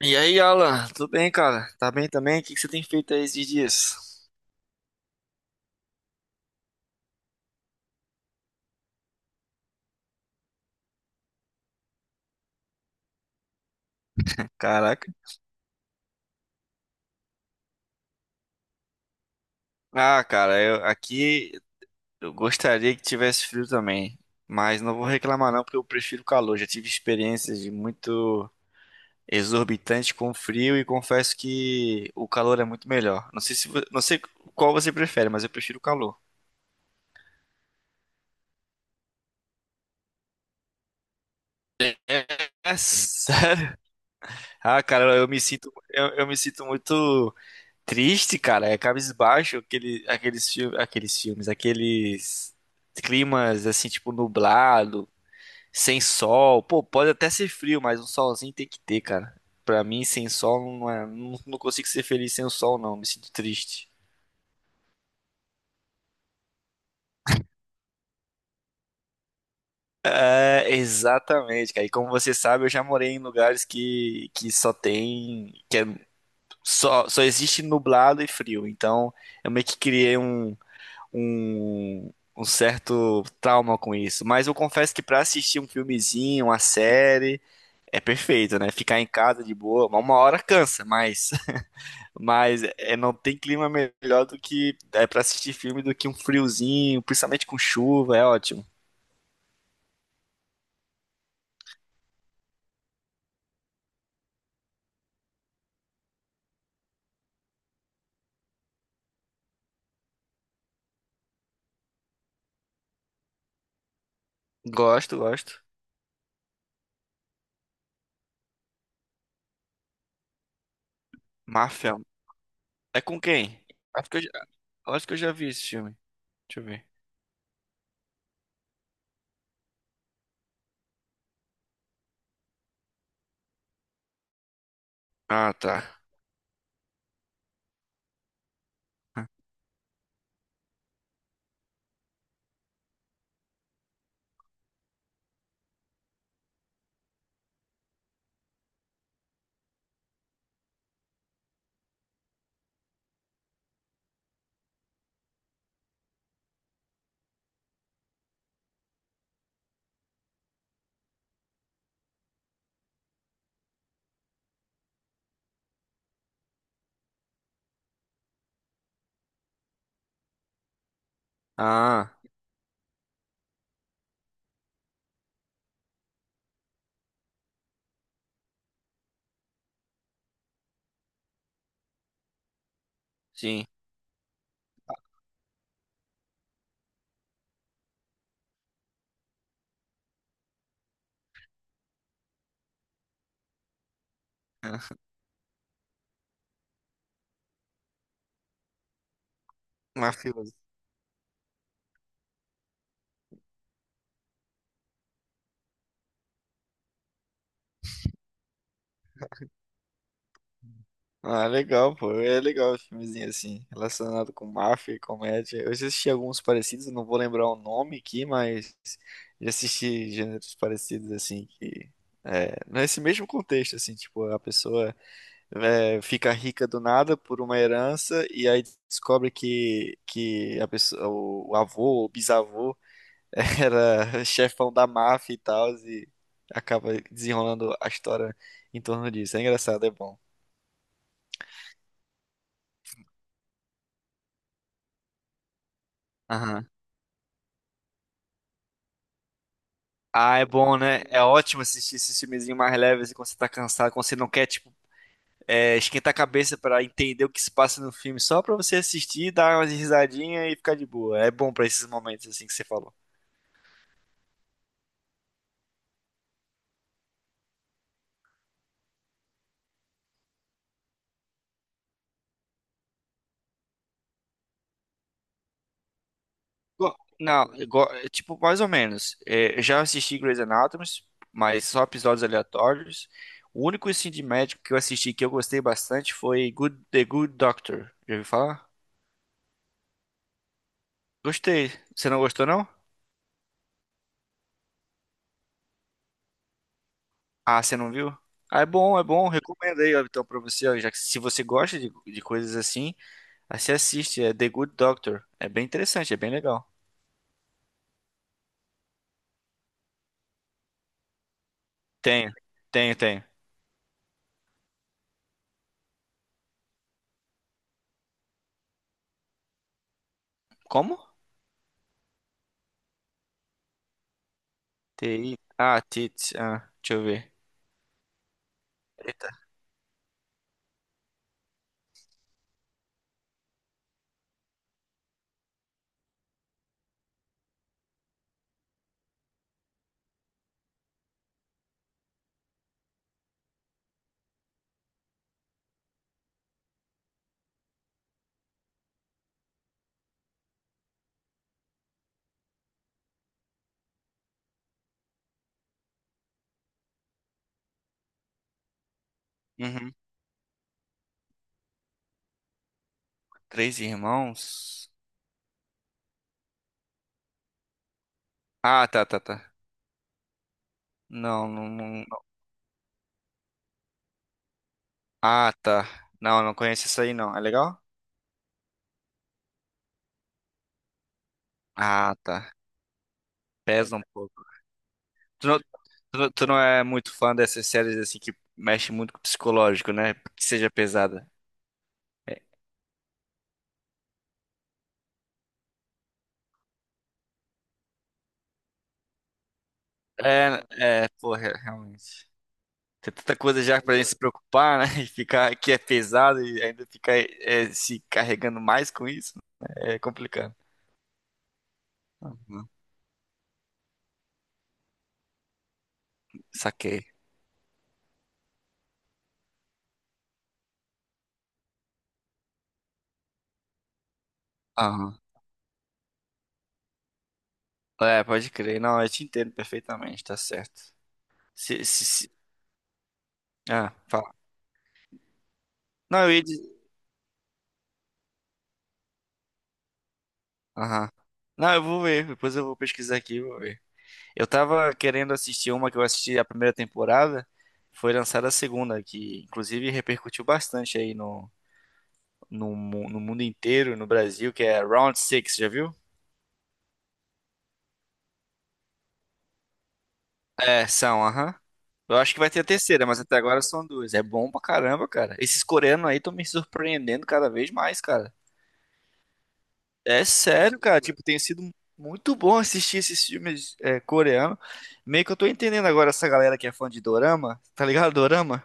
E aí, Alan, tudo bem, cara? Tá bem também? O que você tem feito aí esses dias? Caraca. Ah, cara, eu aqui eu gostaria que tivesse frio também, mas não vou reclamar não, porque eu prefiro calor. Já tive experiências de muito exorbitante com frio e confesso que o calor é muito melhor. Não sei se, não sei qual você prefere, mas eu prefiro o calor. É, é sério. Ah, cara, eu me sinto muito triste, cara, é cabisbaixo aqueles filmes, aqueles climas assim, tipo nublado, sem sol. Pô, pode até ser frio, mas um solzinho tem que ter, cara. Pra mim, sem sol não consigo ser feliz sem o sol, não. Me sinto triste. É, exatamente, cara. E como você sabe, eu já morei em lugares que só tem, que é, só existe nublado e frio. Então, eu meio que criei um certo trauma com isso. Mas eu confesso que pra assistir um filmezinho, uma série, é perfeito, né? Ficar em casa de boa, uma hora cansa, mas, mas é, não tem clima melhor do que é para assistir filme do que um friozinho, principalmente com chuva, é ótimo. Gosto, gosto. Máfia. É com quem? Acho que eu já, acho que eu já vi esse filme. Deixa eu ver. Ah, tá. Ah, sim. Ah, mafioso. Ah, legal, pô. É legal o filmezinho assim, relacionado com máfia e comédia. Eu já assisti alguns parecidos, eu não vou lembrar o nome aqui, mas já assisti gêneros parecidos assim que é, nesse mesmo contexto assim, tipo, a pessoa é, fica rica do nada por uma herança e aí descobre que a pessoa, o avô, o bisavô era chefão da máfia e tal e acaba desenrolando a história em torno disso. É engraçado, é bom. Aham. Ah, é bom, né? É ótimo assistir esses filmezinhos mais leves assim, quando você tá cansado, quando você não quer, tipo, é, esquentar a cabeça pra entender o que se passa no filme, só pra você assistir, dar umas risadinhas e ficar de boa. É bom pra esses momentos assim que você falou. Go- Não, é, tipo, mais ou menos. É, eu já assisti Grey's Anatomy, mas só episódios aleatórios. O único assim, de médico que eu assisti que eu gostei bastante foi The Good Doctor. Já ouviu falar? Gostei. Você não gostou, não? Ah, você não viu? Ah, é bom, é bom. Recomendo aí, ó, então, pra você, ó, já que se você gosta de coisas assim, aí você assiste, é The Good Doctor. É bem interessante, é bem legal. Tenho, tenho, tenho. Como? TI. Ah, Tits. Ah, deixa eu ver. Eita. Uhum. Três irmãos? Ah, tá, tá, tá. Não, não, não. Ah, tá. Não, não conheço isso aí, não. É legal? Ah, tá. Pesa um pouco. Tu não, tu não é muito fã dessas séries assim que mexe muito com o psicológico, né? Que seja pesada. É, é, porra, realmente. Tem tanta coisa já pra gente se preocupar, né? E ficar que é pesado e ainda ficar é, se carregando mais com isso. Né? É complicado. Uhum. Saquei. Aham. É, pode crer. Não, eu te entendo perfeitamente, tá certo. Se, se, se- Ah, fala. Não, eu ia dizer. Aham. Não, eu vou ver. Depois eu vou pesquisar aqui e vou ver. Eu tava querendo assistir uma que eu assisti a primeira temporada. Foi lançada a segunda, que inclusive repercutiu bastante aí no no mundo inteiro, no Brasil, que é Round Six, já viu? É, são, aham. Eu acho que vai ter a terceira, mas até agora são duas. É bom pra caramba, cara. Esses coreanos aí estão me surpreendendo cada vez mais, cara. É sério, cara. Tipo, tem sido muito bom assistir esses filmes é, coreanos. Meio que eu tô entendendo agora essa galera que é fã de dorama, tá ligado? Dorama?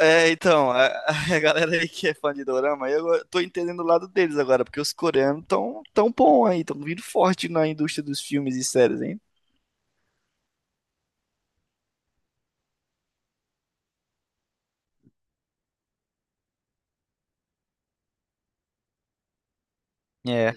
É, então, a, a galera aí que é fã de dorama, eu tô entendendo o lado deles agora, porque os coreanos tão bom aí, tão vindo forte na indústria dos filmes e séries, hein? É,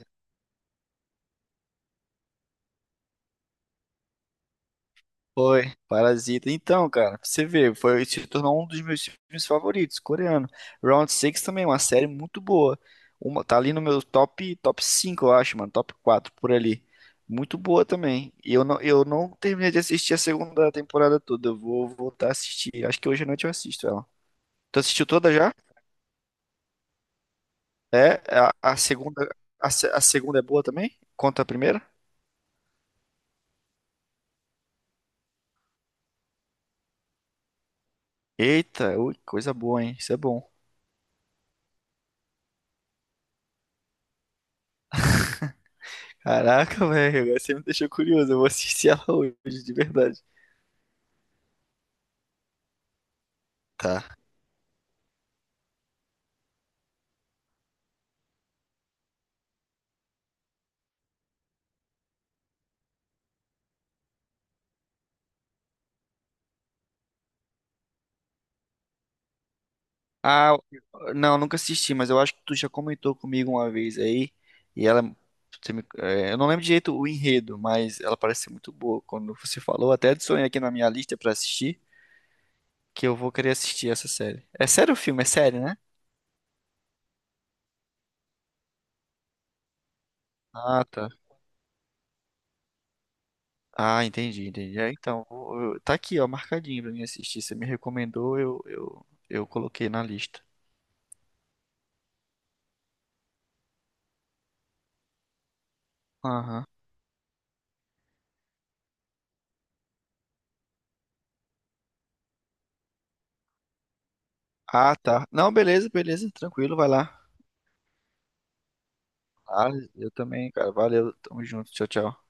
foi. Parasita. Então, cara, pra você ver, foi, se tornou um dos meus filmes favoritos, coreano. Round Six também, é uma série muito boa. Uma, tá ali no meu top 5, eu acho, mano. Top 4 por ali. Muito boa também. Eu não terminei de assistir a segunda temporada toda. Eu vou voltar a assistir. Acho que hoje à noite eu assisto ela. Tu assistiu toda já? A segunda, a, se- a segunda é boa também? Conta a primeira? Eita, ui, coisa boa, hein? Isso é bom. Caraca, velho, agora você me deixou curioso. Eu vou assistir ela hoje, de verdade. Tá. Ah, não, nunca assisti, mas eu acho que tu já comentou comigo uma vez aí. E ela. É, eu não lembro direito o enredo, mas ela parece ser muito boa. Quando você falou, até adicionei aqui na minha lista pra assistir, que eu vou querer assistir essa série. É sério o filme? É sério, né? Ah, tá. Ah, entendi, entendi. É, então, tá aqui, ó, marcadinho pra mim assistir. Você me recomendou, eu coloquei na lista. Aham. Ah, tá. Não, beleza, beleza, tranquilo, vai lá. Ah, eu também, cara. Valeu, tamo junto. Tchau, tchau.